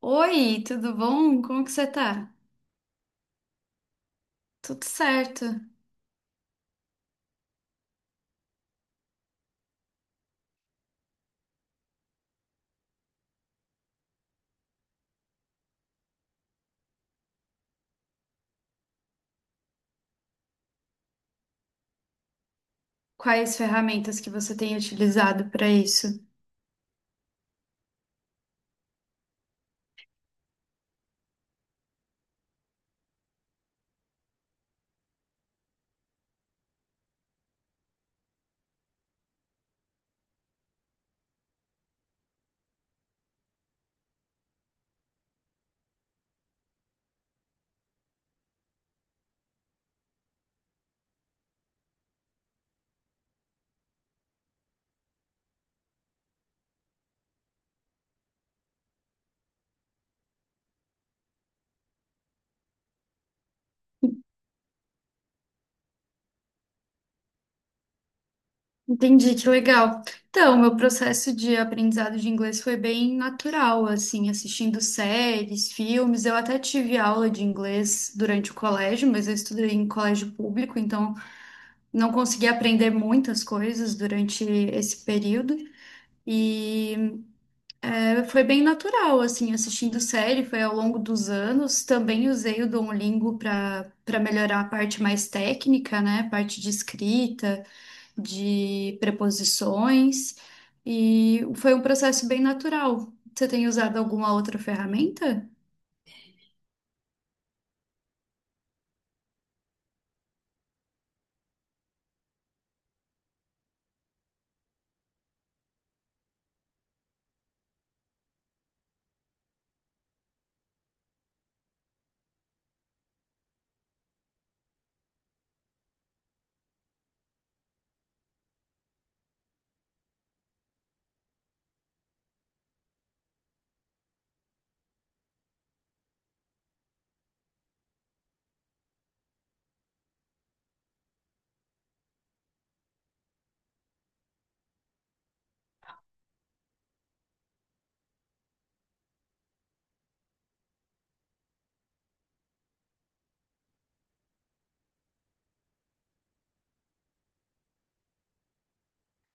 Oi, tudo bom? Como que você tá? Tudo certo. Quais ferramentas que você tem utilizado para isso? Entendi, que legal. Então, meu processo de aprendizado de inglês foi bem natural, assim, assistindo séries, filmes. Eu até tive aula de inglês durante o colégio, mas eu estudei em colégio público, então não consegui aprender muitas coisas durante esse período. E foi bem natural, assim, assistindo série, foi ao longo dos anos. Também usei o Duolingo para melhorar a parte mais técnica, né? A parte de escrita, de preposições. E foi um processo bem natural. Você tem usado alguma outra ferramenta?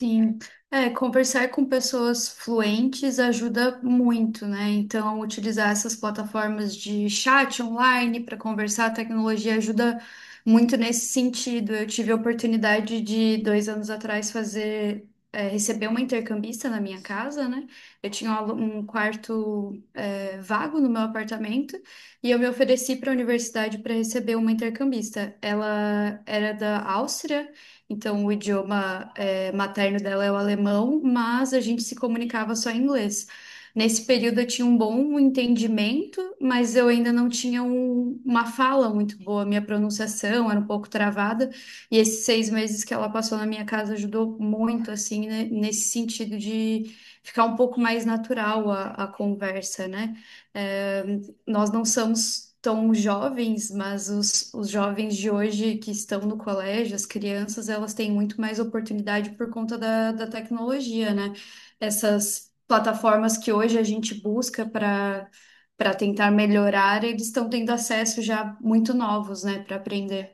Sim, é, conversar com pessoas fluentes ajuda muito, né? Então, utilizar essas plataformas de chat online para conversar, a tecnologia ajuda muito nesse sentido. Eu tive a oportunidade de, dois anos atrás, fazer, é, receber uma intercambista na minha casa, né? Eu tinha um um quarto vago no meu apartamento e eu me ofereci para a universidade para receber uma intercambista. Ela era da Áustria, então o idioma materno dela é o alemão, mas a gente se comunicava só em inglês. Nesse período eu tinha um bom entendimento, mas eu ainda não tinha uma fala muito boa, minha pronunciação era um pouco travada. E esses 6 meses que ela passou na minha casa ajudou muito, assim, né, nesse sentido de ficar um pouco mais natural a conversa, né? É, nós não somos tão jovens, mas os jovens de hoje que estão no colégio, as crianças, elas têm muito mais oportunidade por conta da tecnologia, né? Essas plataformas que hoje a gente busca para tentar melhorar, eles estão tendo acesso já muito novos, né, para aprender.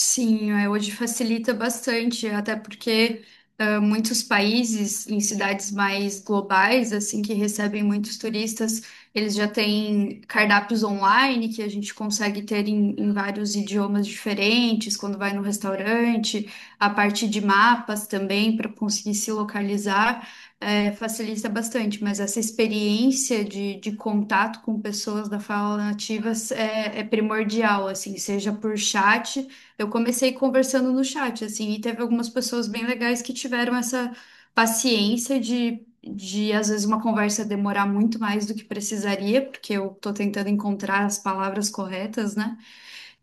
Sim, é, hoje facilita bastante, até porque ah, muitos países em cidades mais globais, assim, que recebem muitos turistas, eles já têm cardápios online que a gente consegue ter em vários idiomas diferentes, quando vai no restaurante, a parte de mapas também para conseguir se localizar, facilita bastante, mas essa experiência de contato com pessoas da fala nativa é, é primordial, assim, seja por chat. Eu comecei conversando no chat, assim, e teve algumas pessoas bem legais que tiveram essa paciência de às vezes, uma conversa demorar muito mais do que precisaria, porque eu tô tentando encontrar as palavras corretas, né?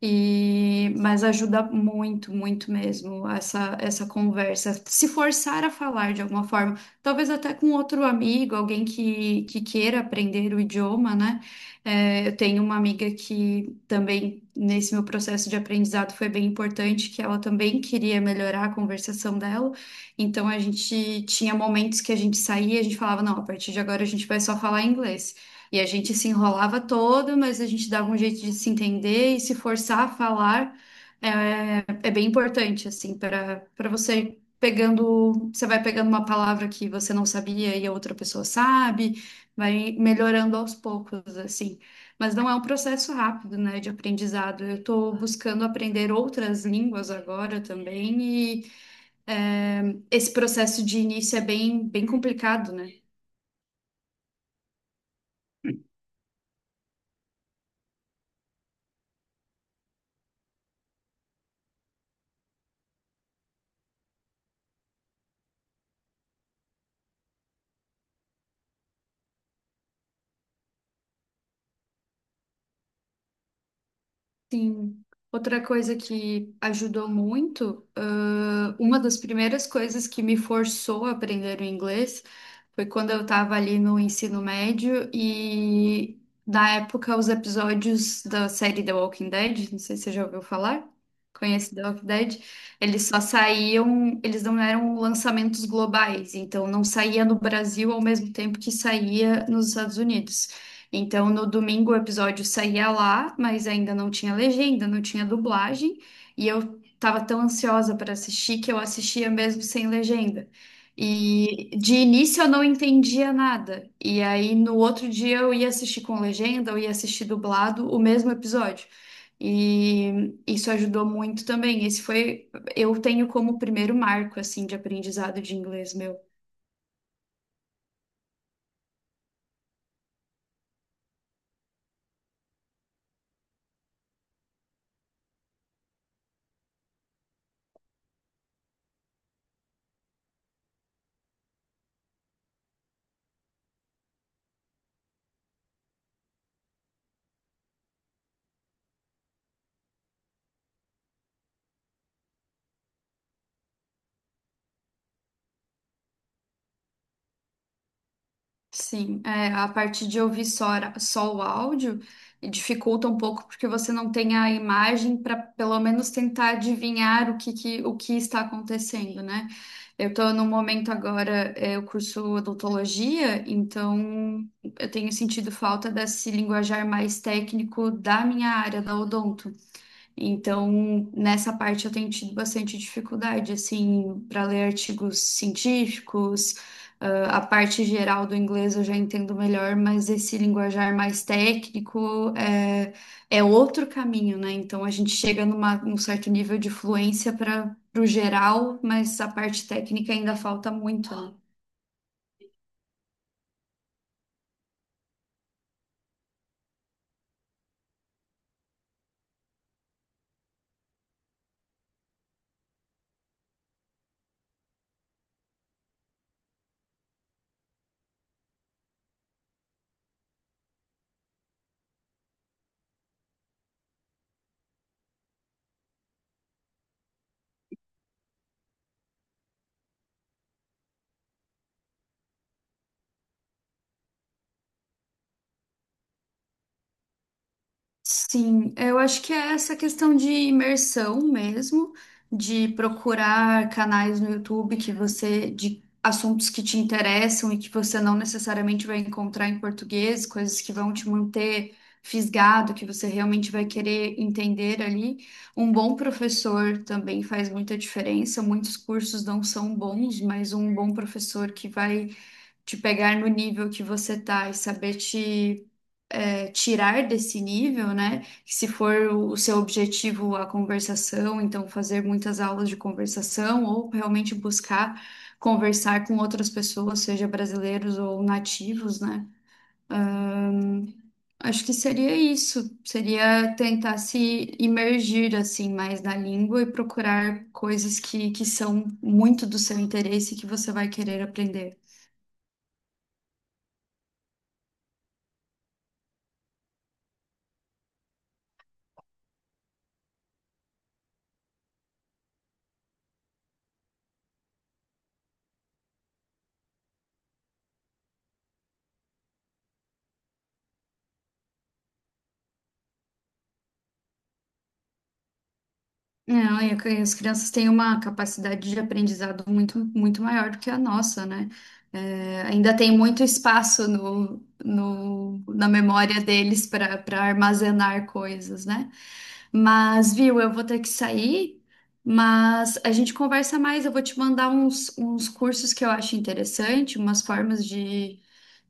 E, mas ajuda muito, muito mesmo essa conversa. Se forçar a falar de alguma forma, talvez até com outro amigo, alguém que queira aprender o idioma, né? É, eu tenho uma amiga que também, nesse meu processo de aprendizado, foi bem importante, que ela também queria melhorar a conversação dela. Então, a gente tinha momentos que a gente saía e a gente falava, não, a partir de agora a gente vai só falar inglês. E a gente se enrolava todo, mas a gente dava um jeito de se entender e se forçar a falar é, é bem importante, assim, para você pegando, você vai pegando uma palavra que você não sabia e a outra pessoa sabe, vai melhorando aos poucos, assim. Mas não é um processo rápido, né, de aprendizado. Eu estou buscando aprender outras línguas agora também e é, esse processo de início é bem, bem complicado, né? Sim. Outra coisa que ajudou muito, uma das primeiras coisas que me forçou a aprender o inglês foi quando eu estava ali no ensino médio e, na época, os episódios da série The Walking Dead, não sei se você já ouviu falar, conhece The Walking Dead, eles só saíam, eles não eram lançamentos globais, então não saía no Brasil ao mesmo tempo que saía nos Estados Unidos. Então, no domingo o episódio saía lá, mas ainda não tinha legenda, não tinha dublagem, e eu tava tão ansiosa para assistir que eu assistia mesmo sem legenda. E de início eu não entendia nada. E aí no outro dia eu ia assistir com legenda, eu ia assistir dublado o mesmo episódio. E isso ajudou muito também. Esse foi, eu tenho como primeiro marco assim de aprendizado de inglês meu. Sim, é, a parte de ouvir só, só o áudio dificulta um pouco porque você não tem a imagem para pelo menos tentar adivinhar o que, o que está acontecendo, né? Eu estou no momento agora, é, eu curso odontologia, então eu tenho sentido falta desse linguajar mais técnico da minha área, da odonto. Então, nessa parte eu tenho tido bastante dificuldade, assim, para ler artigos científicos. Ah, a parte geral do inglês eu já entendo melhor, mas esse linguajar mais técnico é, é outro caminho, né? Então, a gente chega numa, num certo nível de fluência para o geral, mas a parte técnica ainda falta muito, né? Sim, eu acho que é essa questão de imersão mesmo, de procurar canais no YouTube que você, de assuntos que te interessam e que você não necessariamente vai encontrar em português, coisas que vão te manter fisgado, que você realmente vai querer entender ali. Um bom professor também faz muita diferença. Muitos cursos não são bons, mas um bom professor que vai te pegar no nível que você tá e saber te tirar desse nível, né? Que se for o seu objetivo a conversação, então fazer muitas aulas de conversação ou realmente buscar conversar com outras pessoas, seja brasileiros ou nativos, né? Acho que seria isso, seria tentar se imergir assim mais na língua e procurar coisas que são muito do seu interesse e que você vai querer aprender. Não, e as crianças têm uma capacidade de aprendizado muito, muito maior do que a nossa, né? É, ainda tem muito espaço no, na memória deles para armazenar coisas, né? Mas, viu, eu vou ter que sair, mas a gente conversa mais. Eu vou te mandar uns, uns cursos que eu acho interessante, umas formas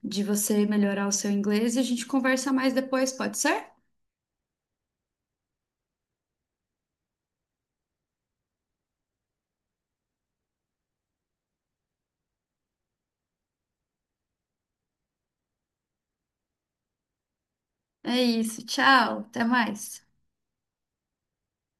de você melhorar o seu inglês e a gente conversa mais depois, pode ser? É isso, tchau, até mais.